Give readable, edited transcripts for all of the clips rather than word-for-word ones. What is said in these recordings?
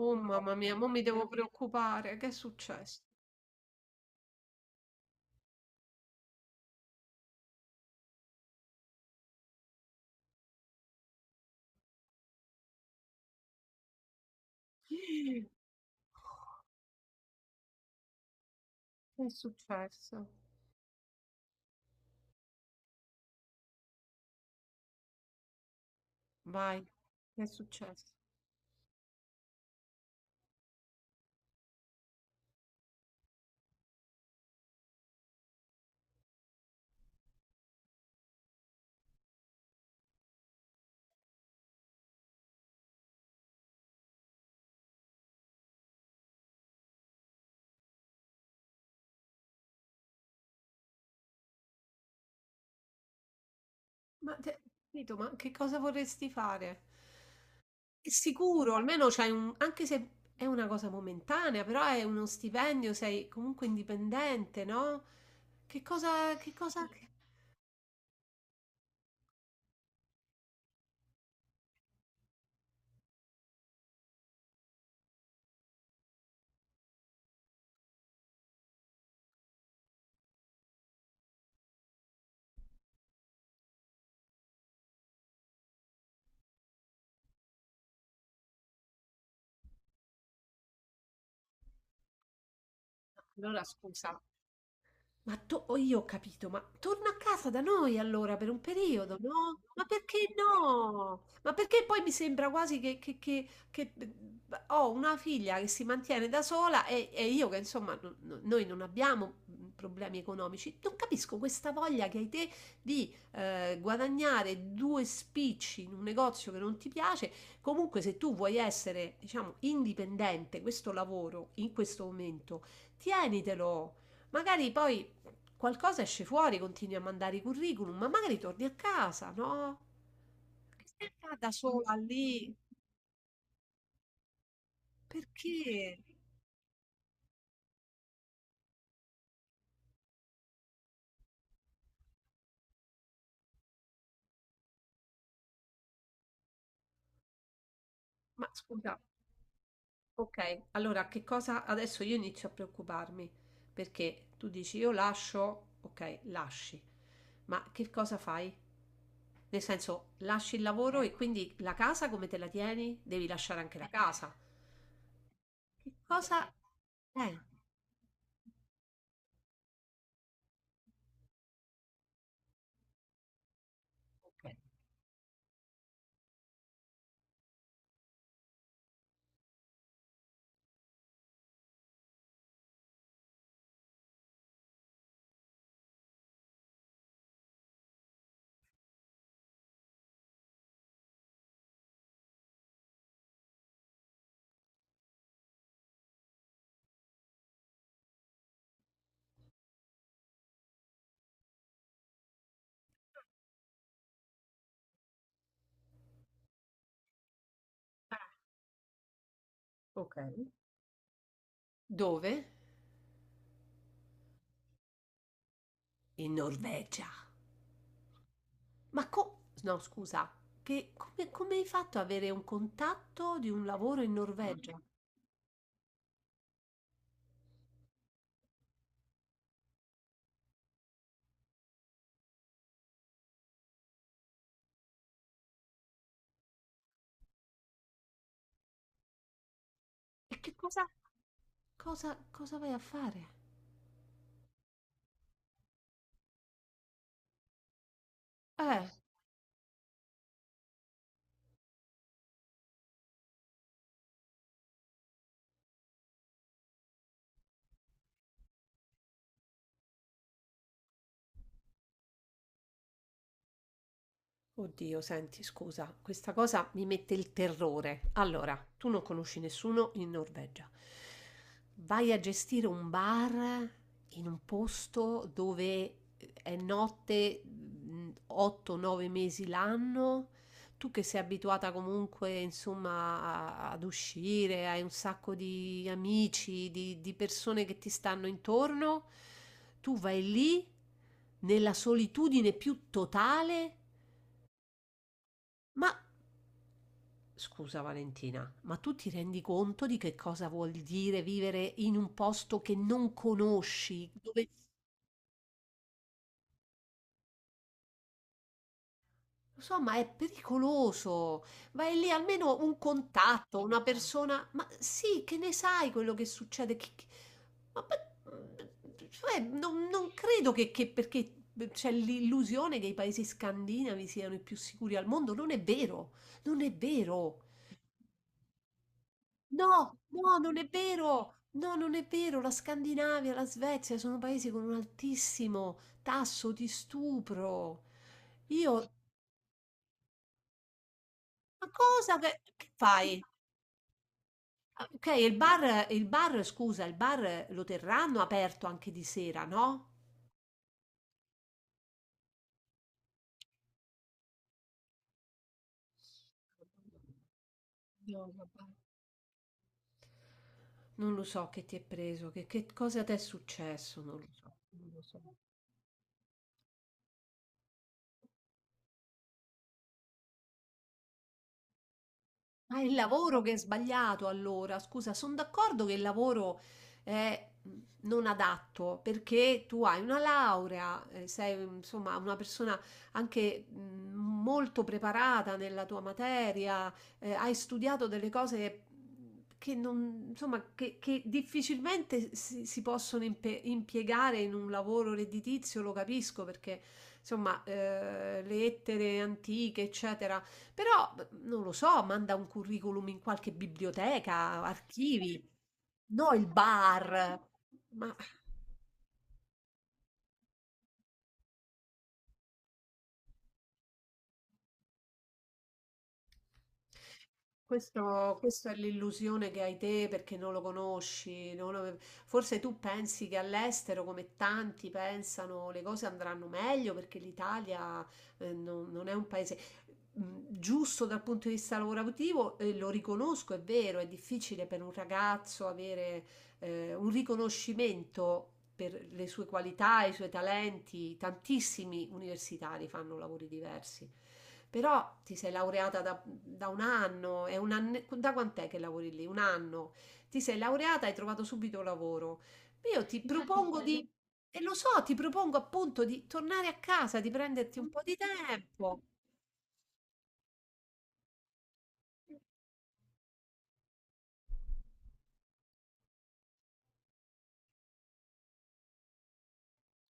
Oh mamma mia, mo mi devo preoccupare. Che è successo? Che è successo? Vai, che è successo? Ma te, capito, ma che cosa vorresti fare? È sicuro, almeno c'hai un, anche se è una cosa momentanea, però è uno stipendio, sei comunque indipendente, no? Che cosa? Allora scusa. Ma io ho capito, ma torna a casa da noi allora per un periodo, no? Ma perché no? Ma perché poi mi sembra quasi che ho una figlia che si mantiene da sola e io che insomma noi non abbiamo problemi economici. Non capisco questa voglia che hai te di guadagnare due spicci in un negozio che non ti piace. Comunque se tu vuoi essere, diciamo, indipendente, questo lavoro in questo momento, tienitelo. Magari poi qualcosa esce fuori, continui a mandare i curriculum, ma magari torni a casa, no? Che stai a fare da sola lì? Perché? Ma scusa, ok, allora che cosa adesso io inizio a preoccuparmi? Perché tu dici io lascio, ok, lasci, ma che cosa fai? Nel senso, lasci il lavoro e quindi la casa come te la tieni? Devi lasciare anche la casa. Che cosa? Eh, ok. Dove? In Norvegia. Ma no, scusa, come hai fatto ad avere un contatto di un lavoro in Norvegia? E che cosa, cosa vai a fare? Eh, Oddio, senti, scusa, questa cosa mi mette il terrore. Allora, tu non conosci nessuno in Norvegia. Vai a gestire un bar in un posto dove è notte 8-9 mesi l'anno. Tu che sei abituata comunque, insomma, ad uscire, hai un sacco di amici, di persone che ti stanno intorno, tu vai lì nella solitudine più totale. Ma scusa Valentina, ma tu ti rendi conto di che cosa vuol dire vivere in un posto che non conosci? Dove. Lo so, ma è pericoloso. Vai lì almeno un contatto, una persona. Ma sì, che ne sai quello che succede? Ma, ma- cioè, non credo che perché c'è l'illusione che i paesi scandinavi siano i più sicuri al mondo. Non è vero, non è vero. No, no, non è vero! No, non è vero! La Scandinavia, la Svezia sono paesi con un altissimo tasso di stupro. Io, ma cosa che fai? Ah, ok, scusa, il bar lo terranno aperto anche di sera, no? No, vabbè. Non lo so che ti è preso, che cosa ti è successo, non lo so, non lo so. Ma è il lavoro che è sbagliato allora, scusa, sono d'accordo che il lavoro è non adatto perché tu hai una laurea, sei insomma una persona anche molto preparata nella tua materia, hai studiato delle cose non, insomma, che difficilmente si possono impiegare in un lavoro redditizio, lo capisco perché insomma le lettere antiche, eccetera però, b non lo so, manda un curriculum in qualche biblioteca, archivi, no il bar. Ma questa è l'illusione che hai te perché non lo conosci. Non lo- Forse tu pensi che all'estero, come tanti pensano, le cose andranno meglio perché l'Italia, non è un paese. Giusto dal punto di vista lavorativo, e lo riconosco, è vero, è difficile per un ragazzo avere un riconoscimento per le sue qualità, i suoi talenti. Tantissimi universitari fanno lavori diversi. Però ti sei laureata da un anno, da quant'è che lavori lì? Un anno. Ti sei laureata e hai trovato subito lavoro. Io ti propongo di, e lo so, ti propongo appunto di tornare a casa, di prenderti un po' di tempo.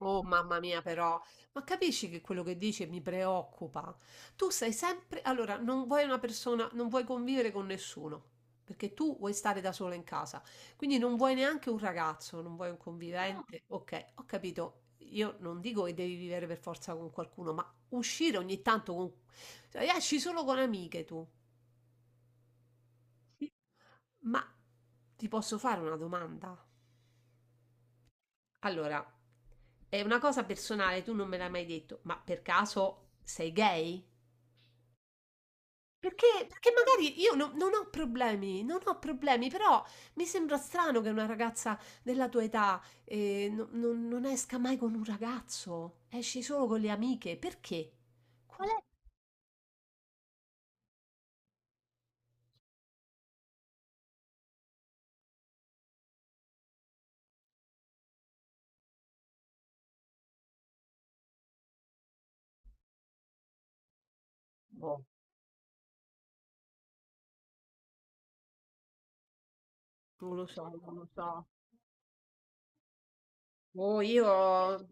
Oh mamma mia però, ma capisci che quello che dici mi preoccupa? Allora, non vuoi una persona, non vuoi convivere con nessuno, perché tu vuoi stare da sola in casa, quindi non vuoi neanche un ragazzo, non vuoi un convivente. Ok, ho capito, io non dico che devi vivere per forza con qualcuno, ma uscire ogni tanto cioè, esci solo con amiche tu, ma ti posso fare una domanda? Allora, è una cosa personale, tu non me l'hai mai detto, ma per caso sei gay? Perché magari io non ho problemi, non ho problemi, però mi sembra strano che una ragazza della tua età, non esca mai con un ragazzo, esci solo con le amiche. Perché? Qual è? Boh, non lo so, non lo so. Boh, io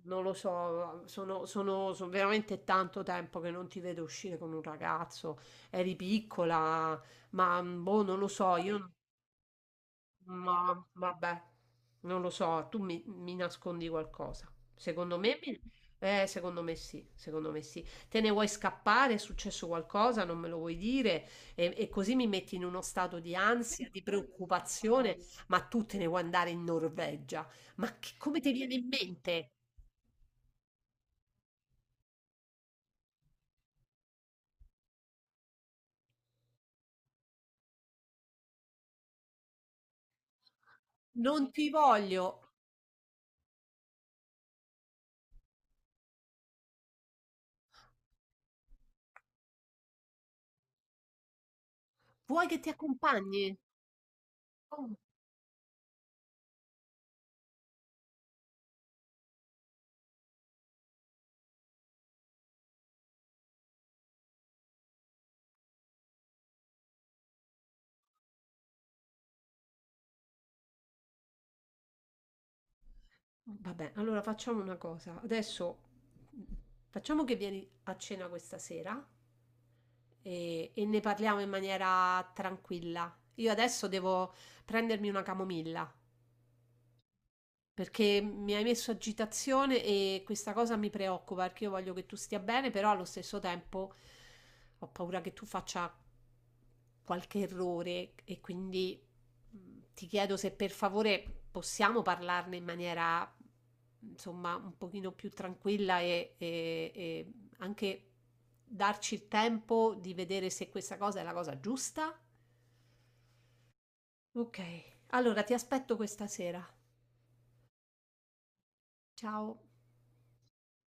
non lo so, sono sono so veramente tanto tempo che non ti vedo uscire con un ragazzo. Eri piccola, ma, boh, non lo so, io Ma vabbè, non lo so, tu mi nascondi qualcosa. Secondo me, secondo me sì, secondo me sì. Te ne vuoi scappare, è successo qualcosa, non me lo vuoi dire e così mi metti in uno stato di ansia, di preoccupazione, ma tu te ne vuoi andare in Norvegia. Ma come ti viene in mente? Non ti voglio. Vuoi che ti accompagni? Oh, vabbè, allora facciamo una cosa. Adesso mm, facciamo che vieni a cena questa sera. E ne parliamo in maniera tranquilla. Io adesso devo prendermi una camomilla. Perché mi hai messo agitazione e questa cosa mi preoccupa perché io voglio che tu stia bene, però allo stesso tempo ho paura che tu faccia qualche errore e quindi ti chiedo se per favore possiamo parlarne in maniera insomma un pochino più tranquilla e anche darci il tempo di vedere se questa cosa è la cosa giusta. Ok, allora ti aspetto questa sera. Ciao.